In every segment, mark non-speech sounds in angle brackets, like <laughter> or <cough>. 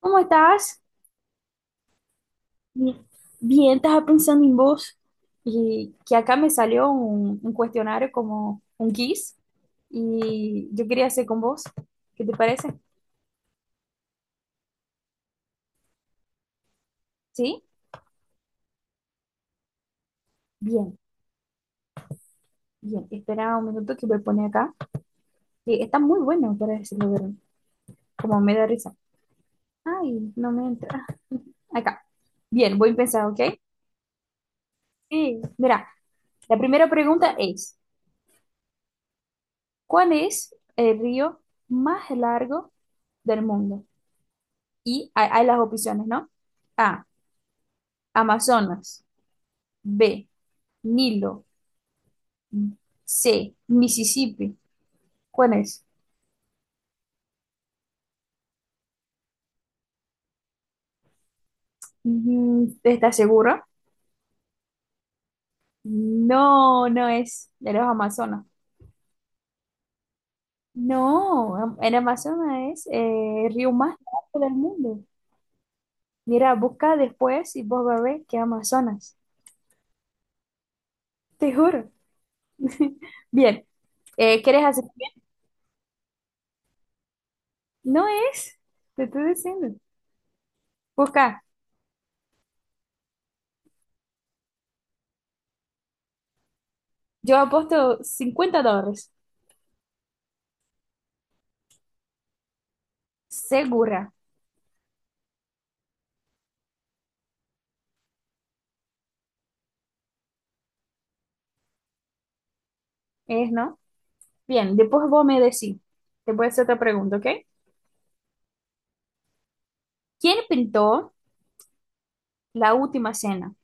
¿Cómo estás? Bien, Bien, estaba pensando en vos y que acá me salió un cuestionario como un quiz y yo quería hacer con vos. ¿Qué te parece? ¿Sí? Bien, bien. Espera un minuto que voy a poner acá. Sí, está muy bueno para decirlo, pero como me da risa. Ay, no me entra. Ah, Acá. Bien, voy a empezar, ¿ok? Sí. Mira, la primera pregunta es, ¿cuál es el río más largo del mundo? Y hay las opciones, ¿no? A, Amazonas. B. Nilo. C. Mississippi. ¿Cuál es? ¿Estás segura? No, no es de los Amazonas. No, el Amazonas es el río más largo del mundo. Mira, busca después y vos vas a ver que Amazonas. Te juro. <laughs> Bien, ¿quieres hacer? No es, te estoy diciendo. Busca, yo apuesto $50. Segura, ¿es, no? Bien, después vos me decís. Te voy a hacer otra pregunta, ¿ok? ¿Quién pintó La Última Cena?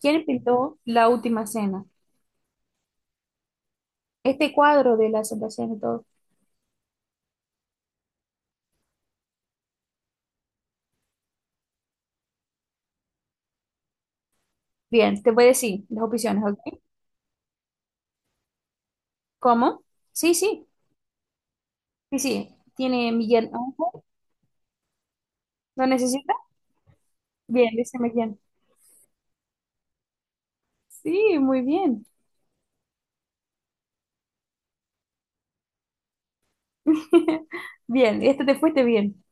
¿Quién pintó La Última Cena? Este cuadro de la Santa Cena y todo. Bien, te voy a decir las opciones, ¿ok? ¿Cómo? Sí, sí, sí, sí. ¿Tiene Miguel Ángel? ¿Lo necesita? Bien, dice Miguel. Sí, muy bien. <laughs> Bien, este te fuiste bien.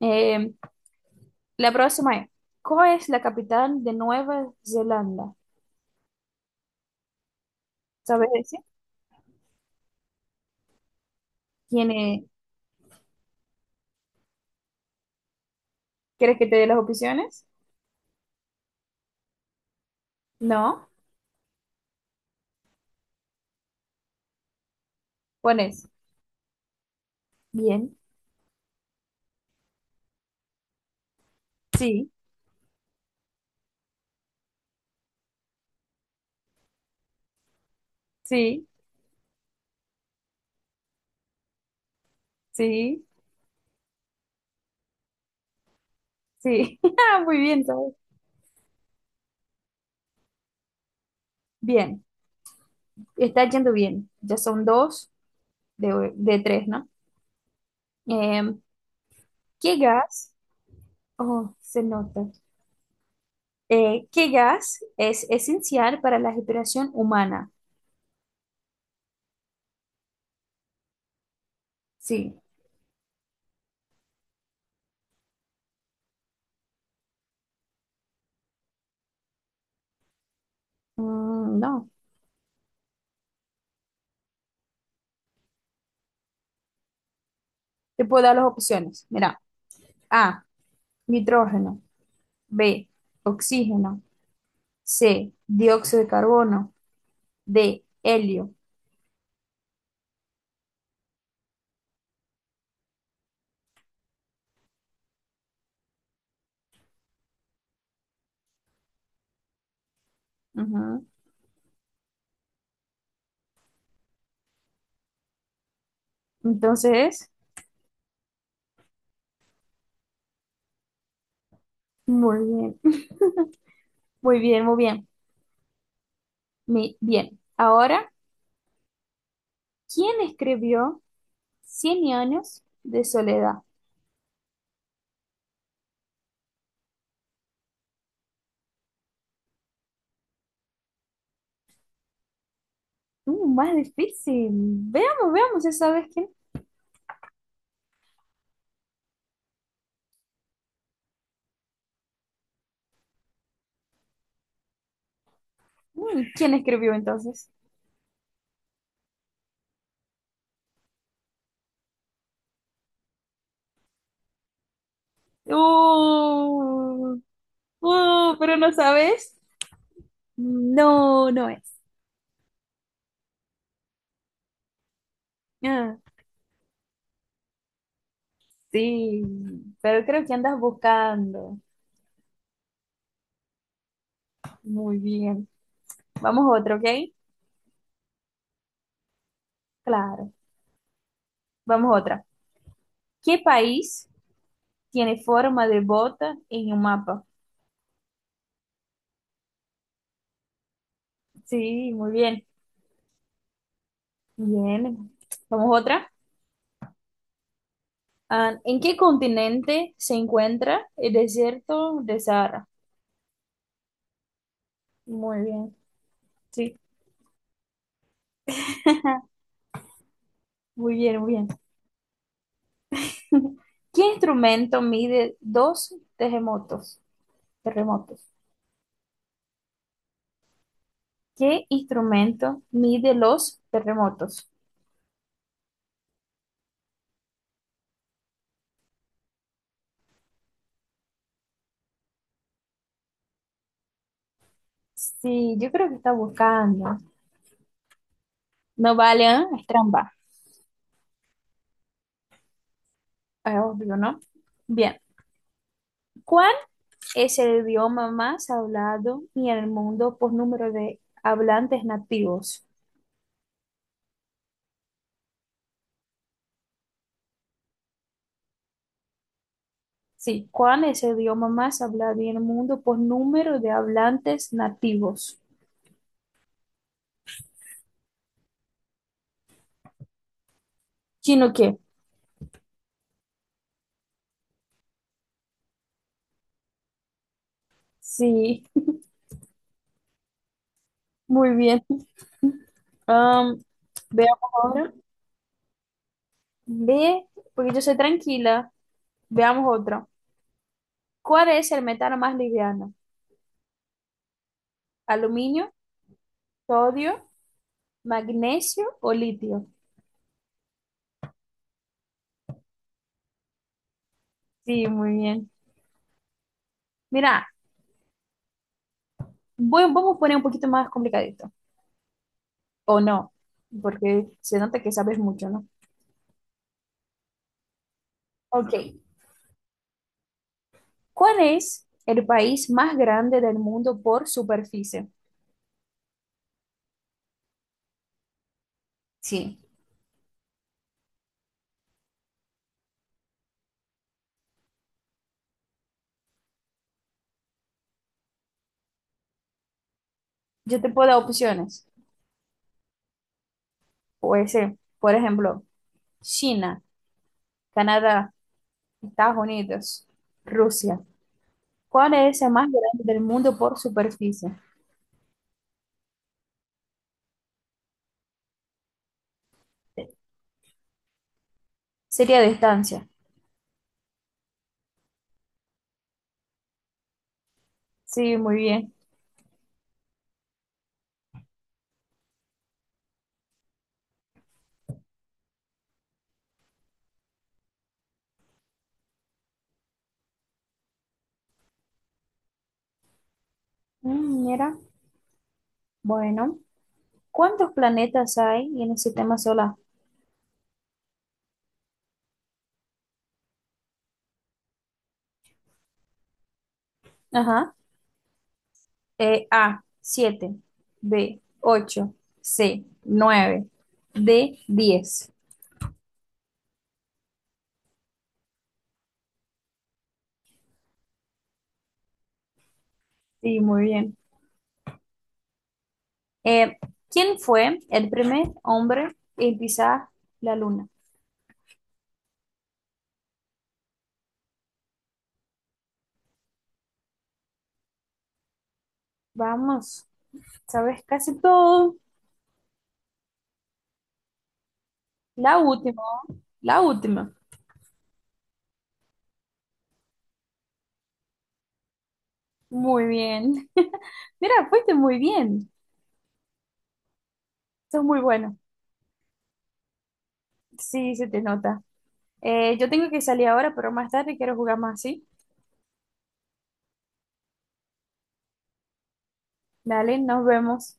Eh, la próxima es, ¿cuál es la capital de Nueva Zelanda? ¿Sabes decir? ¿Tiene, quieres que te dé las opciones? No. Pones bien, sí, sí, sí, sí. <laughs> Ah, muy bien, ¿sabes? Bien. Está yendo bien. Ya son dos de tres, ¿no? Em, ¿Qué gas? Oh, se nota. ¿Qué gas es esencial para la respiración humana? Sí. Mm, no. Te puedo dar las opciones. Mira. A. Nitrógeno. B. Oxígeno. C. Dióxido de carbono. D. Helio. Ujú. Entonces, muy bien. Muy bien, muy bien. Bien. Ahora, ¿quién escribió Cien años de soledad? Más difícil. Veamos, veamos, ya sabes quién. ¿Quién escribió entonces? Uh, pero no sabes. No, no es. Ah, sí, pero creo que andas buscando. Muy bien. Vamos a otra, ¿ok? Claro. Vamos a otra. ¿Qué país tiene forma de bota en un mapa? Sí, muy bien. Bien, vamos otra. Ah, ¿en qué continente se encuentra el desierto de Sahara? Muy bien, sí. <laughs> Muy bien, muy bien. <laughs> ¿Qué instrumento mide dos terremotos? Terremotos. ¿Qué instrumento mide los terremotos? Sí, yo creo que está buscando. No vale, ¿eh? Es trampa. Es obvio, ¿no? Bien. ¿Cuál es el idioma más hablado en el mundo por número de hablantes nativos? Sí, ¿cuál es el idioma más hablado en el mundo por número de hablantes nativos? ¿Chino qué? Sí, <laughs> muy bien. Am, veamos ahora. Ve, porque yo soy tranquila. Veamos otro. ¿Cuál es el metal más liviano? ¿Aluminio, sodio, magnesio o litio? Sí, muy bien. Mira, vamos a poner un poquito más complicadito. O no, porque se nota que sabes mucho, ¿no? Ok, ¿cuál es el país más grande del mundo por superficie? Sí. Yo te puedo dar opciones. Puede ser, por ejemplo, China, Canadá, Estados Unidos, Rusia. ¿Cuál es el más grande del mundo por superficie? Sería distancia. Sí, muy bien. Mira, bueno, ¿cuántos planetas hay en el sistema solar? Ajá. A, 7 B, 8 C, 9 D, 10 Sí, muy bien. Eh, ¿Quién fue el primer hombre en pisar la luna? Vamos, sabes casi todo. La última, la última. Muy bien. <laughs> Mira, fuiste muy bien. Sos muy bueno. Sí, se te nota. Yo tengo que salir ahora, pero más tarde quiero jugar más, ¿sí? Dale, nos vemos.